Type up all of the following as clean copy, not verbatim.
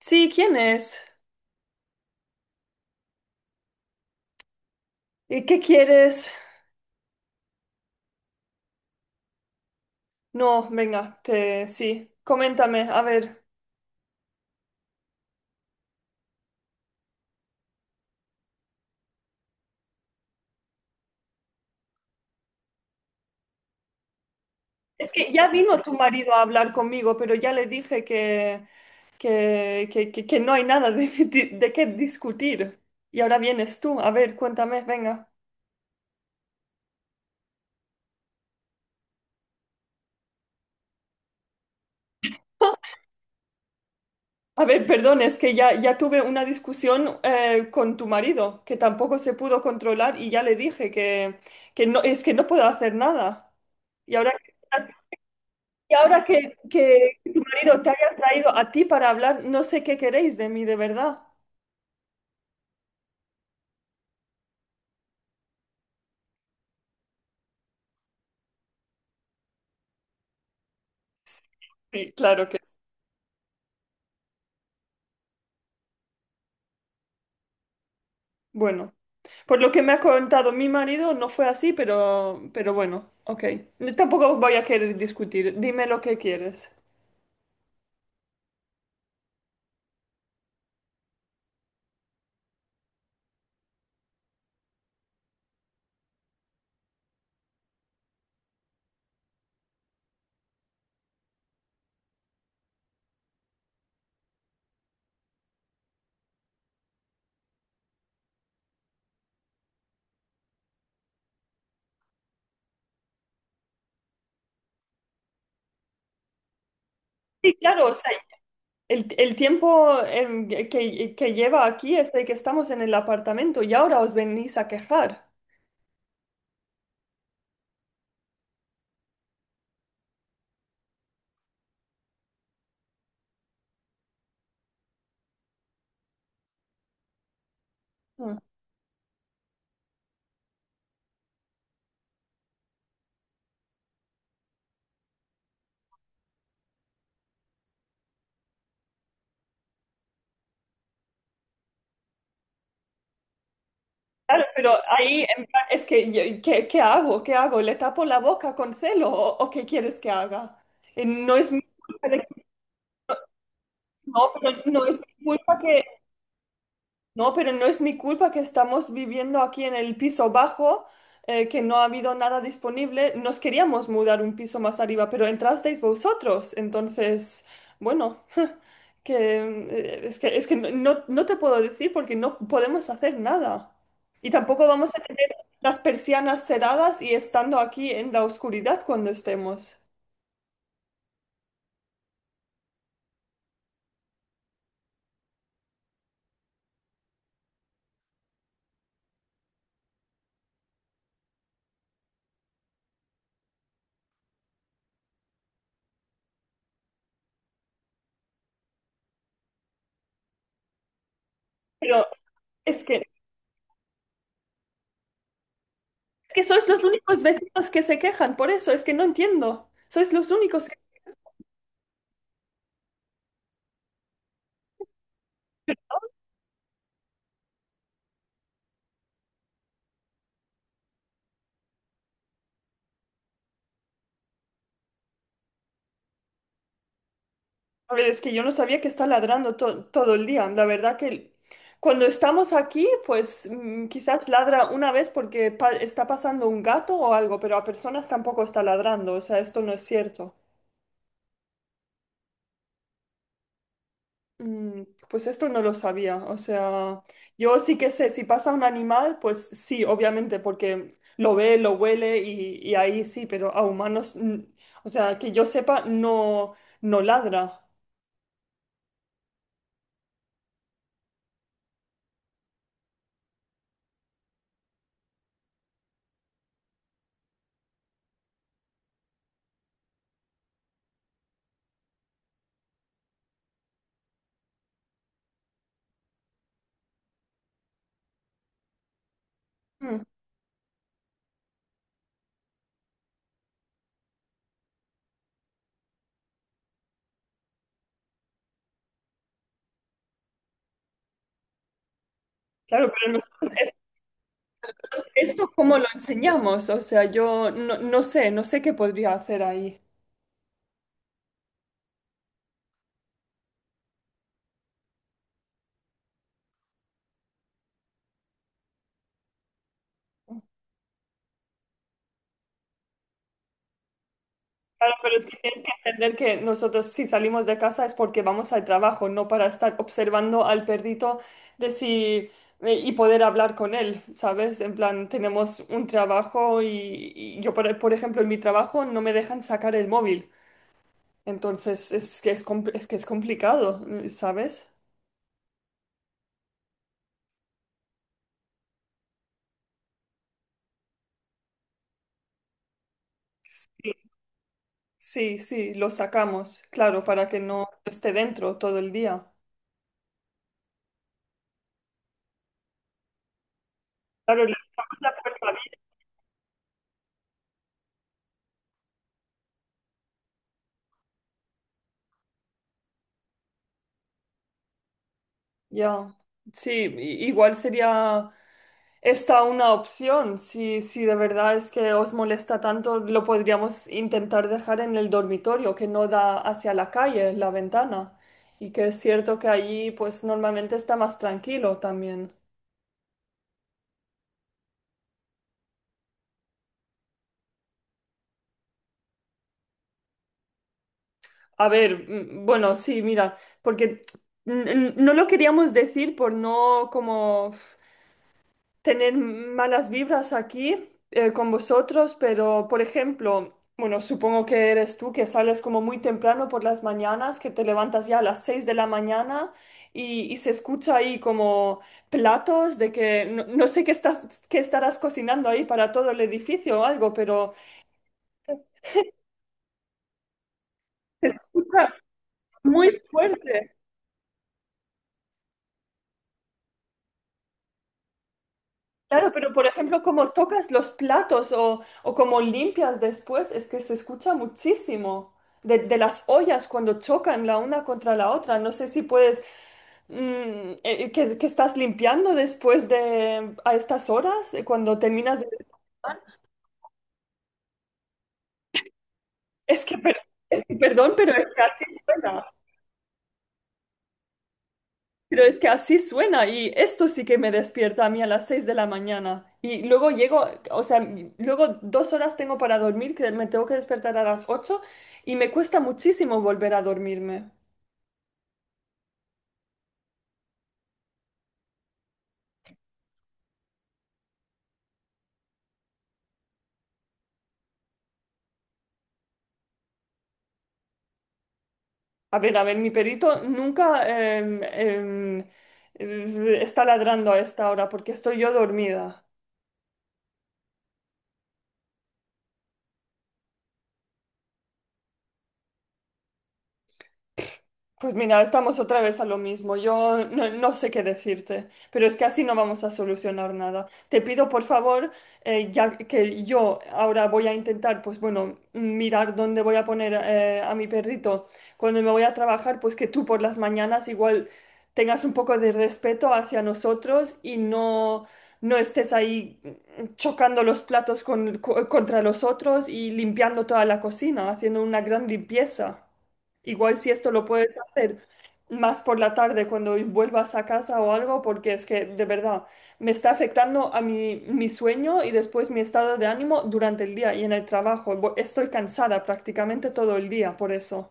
Sí, ¿quién es? ¿Y qué quieres? No, venga, sí, coméntame, a ver. Es que ya vino tu marido a hablar conmigo, pero ya le dije que no hay nada de, de qué discutir. Y ahora vienes tú, a ver, cuéntame, venga. A ver, perdón, es que ya tuve una discusión con tu marido, que tampoco se pudo controlar y ya le dije que no, es que no puedo hacer nada. Y ahora Y ahora que tu marido te haya traído a ti para hablar, no sé qué queréis de mí, de verdad. Sí, claro que. Bueno, por lo que me ha contado mi marido, no fue así, pero bueno, ok. Yo tampoco voy a querer discutir. Dime lo que quieres. Sí, claro, o sea, el tiempo que lleva aquí es de que estamos en el apartamento y ahora os venís a quejar. Claro, pero ahí en plan, es que, ¿qué hago? ¿Qué hago? ¿Le tapo la boca con celo o qué quieres que haga? No es mi no, pero no es mi no, pero no es mi culpa que estamos viviendo aquí en el piso bajo, que no ha habido nada disponible. Nos queríamos mudar un piso más arriba, pero entrasteis vosotros. Entonces, bueno. Que es que no, no te puedo decir porque no podemos hacer nada. Y tampoco vamos a tener las persianas cerradas y estando aquí en la oscuridad cuando estemos. Pero es que, es que sois los únicos vecinos que se quejan, por eso es que no entiendo. Sois los únicos que... A ver, es que yo no sabía que está ladrando todo el día. La verdad que cuando estamos aquí, pues quizás ladra una vez porque está pasando un gato o algo, pero a personas tampoco está ladrando. O sea, esto no es cierto. Mm, pues esto no lo sabía. O sea, yo sí que sé, si pasa un animal, pues sí, obviamente, porque lo ve, lo huele y ahí sí, pero a humanos, o sea, que yo sepa, no, no ladra. Mm, claro, es- esto cómo lo enseñamos. O sea, yo no, no sé, no sé qué podría hacer ahí. Claro, pero es que tienes que entender que nosotros si salimos de casa es porque vamos al trabajo, no para estar observando al perrito de si y poder hablar con él, ¿sabes? En plan, tenemos un trabajo y yo, por ejemplo, en mi trabajo no me dejan sacar el móvil. Entonces es que es, es que es complicado, ¿sabes? Sí, sí, sí, lo sacamos, claro, para que no esté dentro todo el día. Claro, le dejamos la puerta abierta. Ya, sí, igual sería. Está una opción, si, si de verdad es que os molesta tanto, lo podríamos intentar dejar en el dormitorio, que no da hacia la calle, la ventana. Y que es cierto que allí pues normalmente está más tranquilo también. A ver, bueno, sí, mira, porque no lo queríamos decir por no como tener malas vibras aquí con vosotros, pero por ejemplo, bueno, supongo que eres tú que sales como muy temprano por las mañanas, que te levantas ya a las 6 de la mañana y se escucha ahí como platos de que no, no sé qué estás, qué estarás cocinando ahí para todo el edificio o algo, pero se escucha muy fuerte. Claro, pero por ejemplo, como tocas los platos o como limpias después, es que se escucha muchísimo de las ollas cuando chocan la una contra la otra. No sé si puedes, que estás limpiando después de, a estas horas, cuando terminas de desayunar. Es que, per- es que, perdón, pero es que así suena. Pero es que así suena y esto sí que me despierta a mí a las 6 de la mañana. Y luego llego, o sea, luego dos horas tengo para dormir, que me tengo que despertar a las 8 y me cuesta muchísimo volver a dormirme. A ver, mi perrito nunca em, em, está ladrando a esta hora porque estoy yo dormida. Pues mira, estamos otra vez a lo mismo. Yo no, no sé qué decirte, pero es que así no vamos a solucionar nada. Te pido, por favor, ya que yo ahora voy a intentar, pues bueno, mirar dónde voy a poner a mi perrito cuando me voy a trabajar, pues que tú por las mañanas igual tengas un poco de respeto hacia nosotros y no, no estés ahí chocando los platos contra los otros y limpiando toda la cocina, haciendo una gran limpieza. Igual si esto lo puedes hacer más por la tarde cuando vuelvas a casa o algo, porque es que de verdad me está afectando a mi, mi sueño y después mi estado de ánimo durante el día y en el trabajo. Estoy cansada prácticamente todo el día por eso.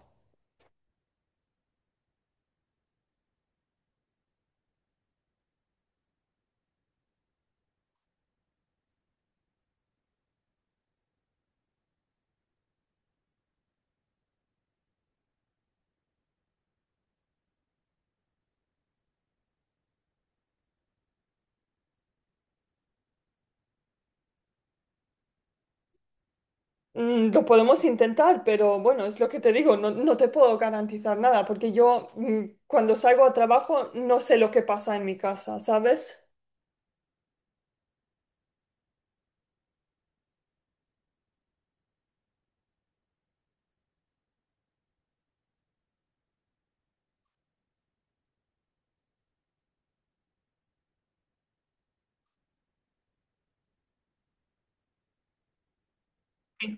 Mm, lo podemos intentar, pero bueno, es lo que te digo, no, no te puedo garantizar nada, porque yo cuando salgo a trabajo no sé lo que pasa en mi casa, ¿sabes?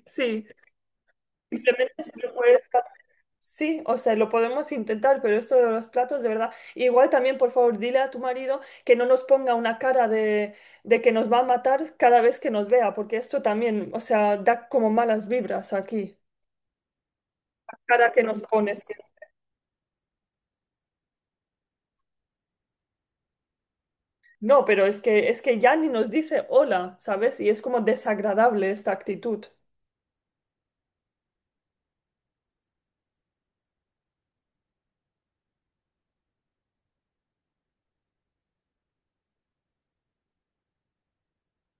Sí, simplemente si lo puedes sí, o sea, lo podemos intentar, pero esto de los platos, de verdad. Igual también, por favor, dile a tu marido que no nos ponga una cara de que nos va a matar cada vez que nos vea, porque esto también, o sea, da como malas vibras aquí. La cara que nos pones. No, pero es que ya ni nos dice hola, ¿sabes? Y es como desagradable esta actitud.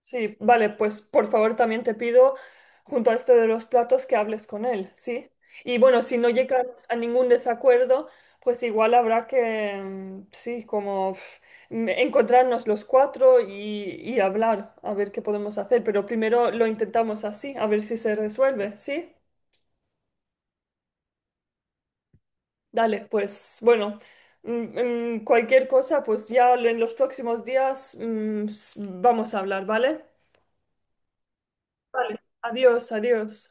Sí, vale, pues por favor también te pido, junto a esto de los platos, que hables con él, ¿sí? Y bueno, si no llegan a ningún desacuerdo, pues igual habrá que, sí, como pf, encontrarnos los cuatro y hablar, a ver qué podemos hacer, pero primero lo intentamos así, a ver si se resuelve, ¿sí? Dale, pues bueno, cualquier cosa, pues ya en los próximos días, vamos a hablar, ¿vale? Vale, adiós, adiós.